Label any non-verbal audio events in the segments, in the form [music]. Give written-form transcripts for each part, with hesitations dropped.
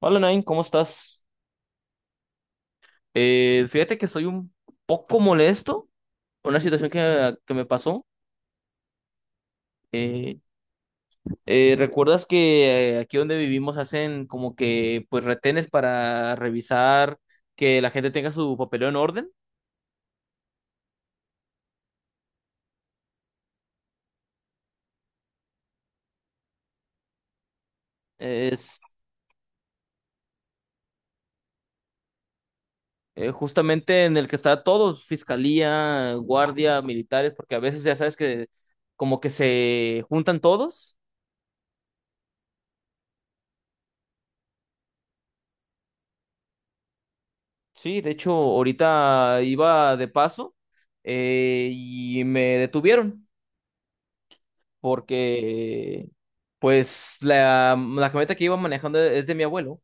Hola Nain, ¿cómo estás? Fíjate que estoy un poco molesto por una situación que me pasó. Eh, ¿Recuerdas que aquí donde vivimos hacen como que pues retenes para revisar que la gente tenga su papeleo en orden? Es justamente en el que está todo, fiscalía, guardia, militares, porque a veces ya sabes que como que se juntan todos. Sí, de hecho, ahorita iba de paso, y me detuvieron porque, pues, la camioneta que iba manejando es de mi abuelo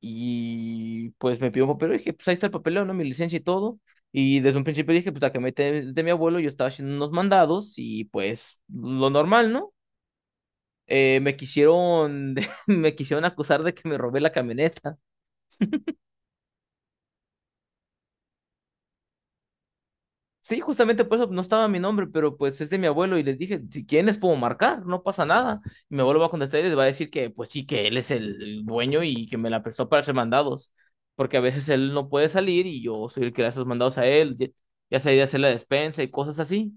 y, pues, me pidió un papel. Y dije, pues, ahí está el papeleo, ¿no? Mi licencia y todo. Y desde un principio dije, pues, la camioneta es de mi abuelo, yo estaba haciendo unos mandados y, pues, lo normal, ¿no? Me quisieron, [laughs] me quisieron acusar de que me robé la camioneta. Sí, justamente por eso no estaba mi nombre, pero pues es de mi abuelo y les dije, si quieren les puedo marcar, no pasa nada. Y mi abuelo va a contestar y les va a decir que pues sí, que él es el dueño y que me la prestó para hacer mandados, porque a veces él no puede salir y yo soy el que le hace los mandados a él, ya sea ir a hacer la despensa y cosas así.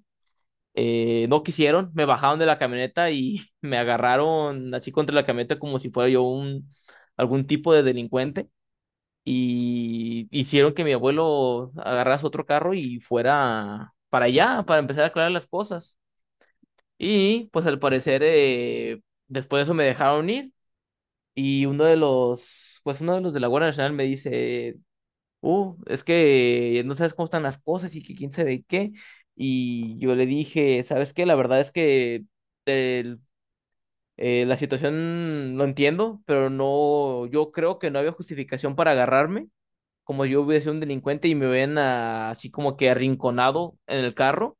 No quisieron, me bajaron de la camioneta y [laughs] me agarraron así contra la camioneta como si fuera yo un algún tipo de delincuente, y hicieron que mi abuelo agarrase otro carro y fuera para allá, para empezar a aclarar las cosas. Y pues al parecer, después de eso me dejaron ir, y uno de los, pues uno de los de la Guardia Nacional me dice, es que no sabes cómo están las cosas y que quién sabe qué. Y yo le dije, ¿sabes qué? La verdad es que el- la situación lo entiendo, pero no, yo creo que no había justificación para agarrarme como yo hubiera sido un delincuente y me ven ah, así como que arrinconado en el carro.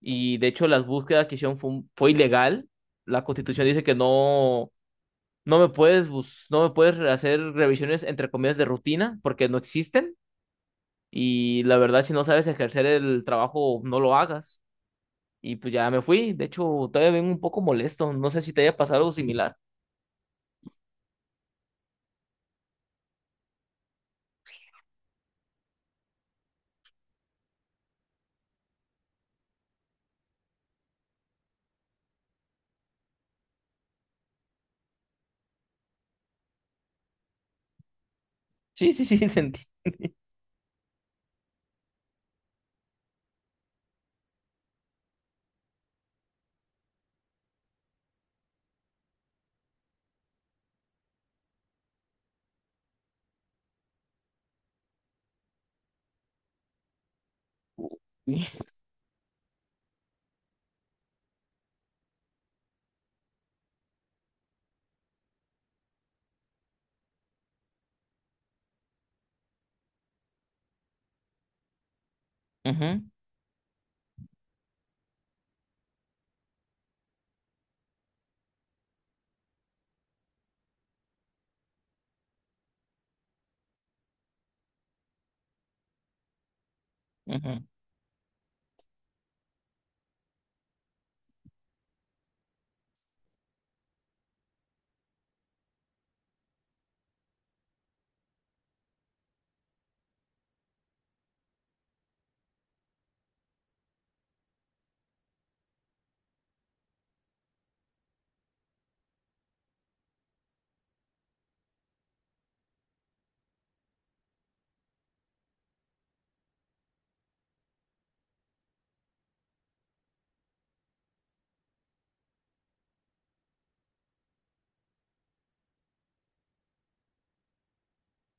Y de hecho las búsquedas que hicieron fue, fue ilegal. La Constitución dice que no, no me puedes hacer revisiones entre comillas de rutina porque no existen. Y la verdad, si no sabes ejercer el trabajo, no lo hagas. Y pues ya me fui. De hecho, todavía vengo un poco molesto. No sé si te haya pasado algo similar. Sí, sí, sí, [laughs] sentí. Ujú, ujú.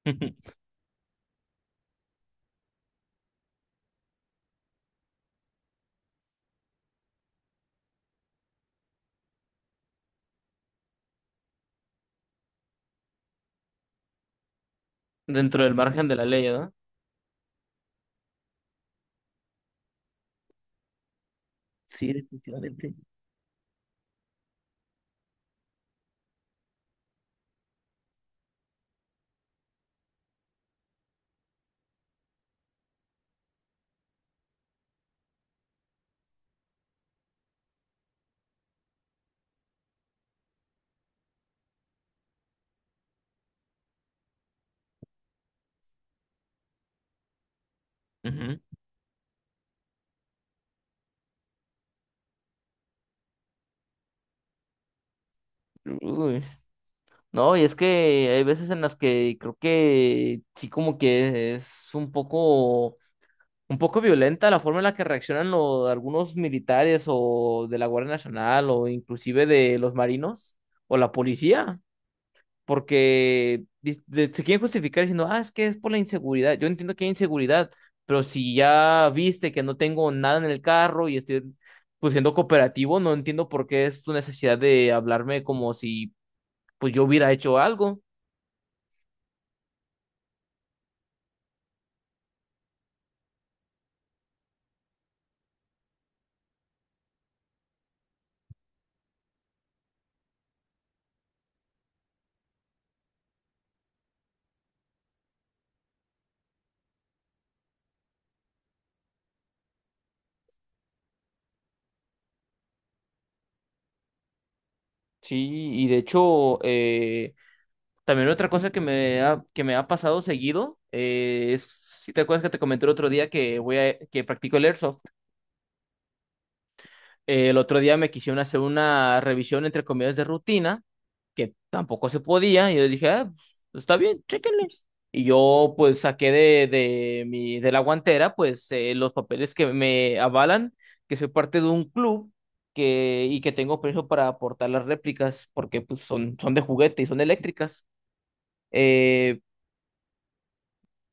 [laughs] Dentro del margen de la ley, ¿no? Sí, definitivamente. Ujú. Uy, no, y es que hay veces en las que creo que sí como que es un poco violenta la forma en la que reaccionan algunos militares o de la Guardia Nacional o inclusive de los marinos o la policía, porque se quieren justificar diciendo, ah, es que es por la inseguridad. Yo entiendo que hay inseguridad, pero si ya viste que no tengo nada en el carro y estoy... pues siendo cooperativo, no entiendo por qué es tu necesidad de hablarme como si pues yo hubiera hecho algo. Sí, y de hecho, también otra cosa que que me ha pasado seguido, es, si te acuerdas que te comenté el otro día que que practico el airsoft. El otro día me quisieron hacer una revisión entre comillas de rutina que tampoco se podía. Y yo dije, ah, pues, está bien, chéquenle. Y yo pues saqué de mi, de la guantera pues los papeles que me avalan que soy parte de un club y que tengo permiso para aportar las réplicas porque pues son, son de juguete y son eléctricas. Eh,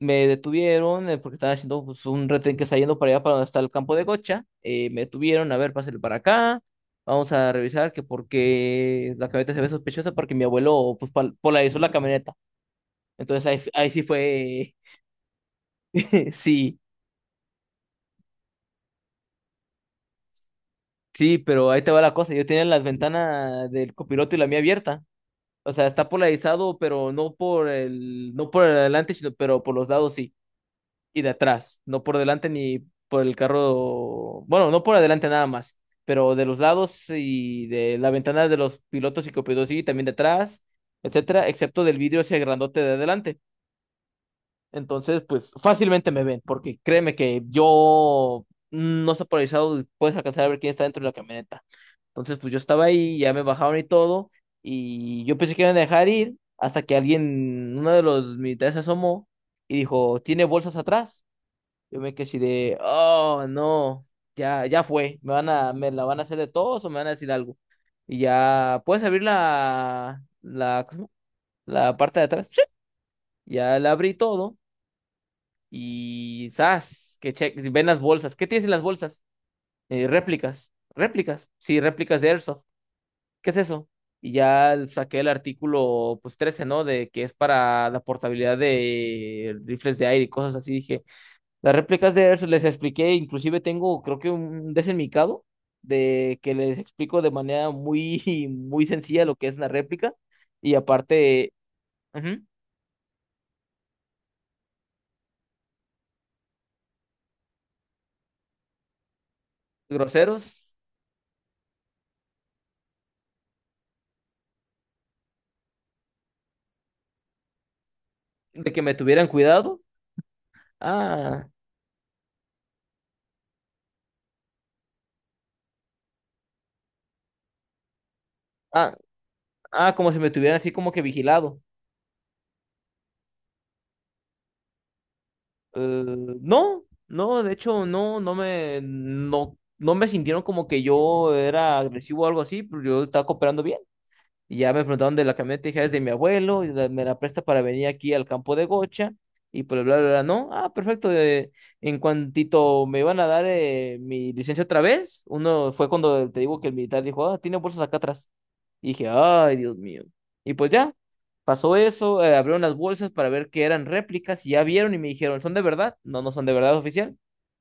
Me detuvieron porque estaban haciendo pues, un retén que está yendo para allá, para donde está el campo de Gocha. Me detuvieron, a ver, pásale para acá. Vamos a revisar que porque la camioneta se ve sospechosa porque mi abuelo pues, polarizó la camioneta. Entonces ahí sí fue, [laughs] sí, sí, pero ahí te va la cosa. Yo tenía las ventanas del copiloto y la mía abierta. O sea, está polarizado, pero no por el adelante, sino pero por los lados sí. Y de atrás, no por delante ni por el carro, bueno, no por adelante nada más, pero de los lados y de la ventana de los pilotos y copilotos y también de atrás, etcétera, excepto del vidrio ese grandote de adelante. Entonces, pues fácilmente me ven, porque créeme que yo no está polarizado, puedes alcanzar a ver quién está dentro de la camioneta. Entonces, pues yo estaba ahí, ya me bajaron y todo, y yo pensé que iban a dejar ir hasta que alguien, uno de los militares se asomó y dijo, ¿tiene bolsas atrás? Yo me quedé así de, oh, no, ya, ya fue, me la van a hacer de todos o me van a decir algo. Y ya, ¿puedes abrir ¿cómo se llama? La parte de atrás? Sí. Ya la abrí todo y ¡zas! Ven las bolsas. ¿Qué tienes en las bolsas? Réplicas. ¿Réplicas? Sí, réplicas de Airsoft. ¿Qué es eso? Y ya saqué el artículo, pues 13 ¿no? De que es para la portabilidad de rifles de aire y cosas así. Dije, las réplicas de Erso les expliqué, inclusive tengo, creo que un desenmicado de que les explico de manera muy, [laughs] muy sencilla lo que es una réplica y aparte, ujú, groseros, de que me tuvieran cuidado. Ah, ah, ah, como si me tuvieran así como que vigilado. Eh, no, no, de hecho, no, no, no me sintieron como que yo era agresivo o algo así, pero yo estaba cooperando bien. Y ya me preguntaron de la camioneta y dije, "Ah, es de mi abuelo, y me la presta para venir aquí al campo de Gocha. Y pues bla, bla, bla, no, ah, perfecto. En cuantito me iban a dar mi licencia otra vez, uno fue cuando te digo que el militar dijo, ah, tiene bolsas acá atrás. Y dije, ay, Dios mío. Y pues ya, pasó eso, abrieron las bolsas para ver que eran réplicas y ya vieron y me dijeron, ¿son de verdad? No, no son de verdad oficial.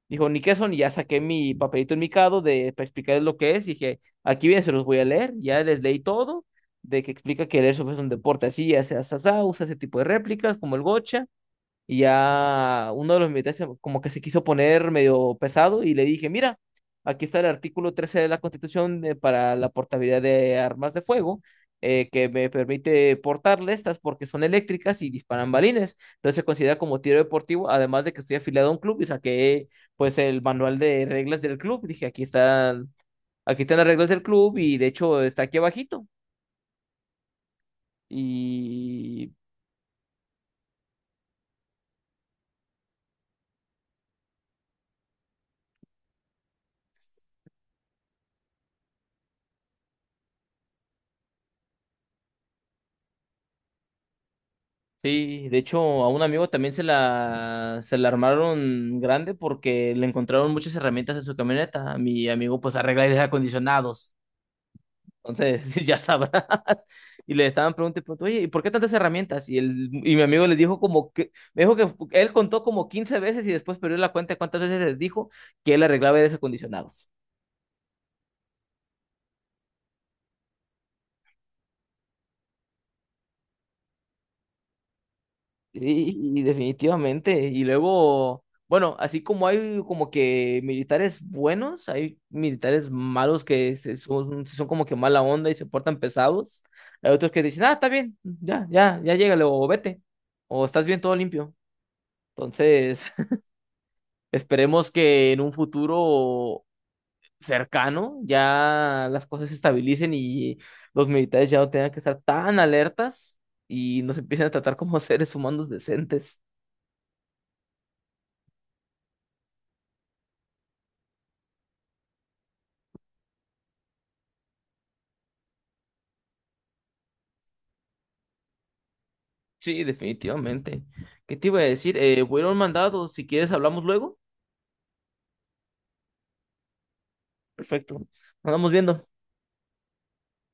Dijo, ni qué son, y ya saqué mi papelito enmicado de para explicarles lo que es. Y dije, aquí viene, se los voy a leer. Ya les leí todo de que explica que el airsoft es un deporte así, hace asá, usa ese tipo de réplicas como el gocha, y ya uno de los militares como que se quiso poner medio pesado y le dije, mira, aquí está el artículo 13 de la Constitución para la portabilidad de armas de fuego, que me permite portarle estas porque son eléctricas y disparan balines, entonces se considera como tiro deportivo, además de que estoy afiliado a un club y saqué pues el manual de reglas del club, dije, aquí están las reglas del club y de hecho está aquí abajito. Y sí, de hecho, a un amigo también se la armaron grande porque le encontraron muchas herramientas en su camioneta. Mi amigo pues arregla aires acondicionados. Entonces, [laughs] ya sabrás. Y le estaban preguntando, y preguntando, oye, ¿y por qué tantas herramientas? Y, y mi amigo les dijo como que, me dijo que él contó como 15 veces y después perdió la cuenta de cuántas veces les dijo que él arreglaba aires acondicionados. Y definitivamente. Y luego, bueno, así como hay como que militares buenos, hay militares malos que son, son como que mala onda y se portan pesados. Hay otros que dicen, ah, está bien, ya, ya, ya llégale o vete. O estás bien, todo limpio. Entonces, [laughs] esperemos que en un futuro cercano ya las cosas se estabilicen y los militares ya no tengan que estar tan alertas y nos empiecen a tratar como [laughs] seres humanos decentes. Sí, definitivamente. ¿Qué te iba a decir? Voy a ir a un mandado. Si quieres, hablamos luego. Perfecto. Nos vamos viendo.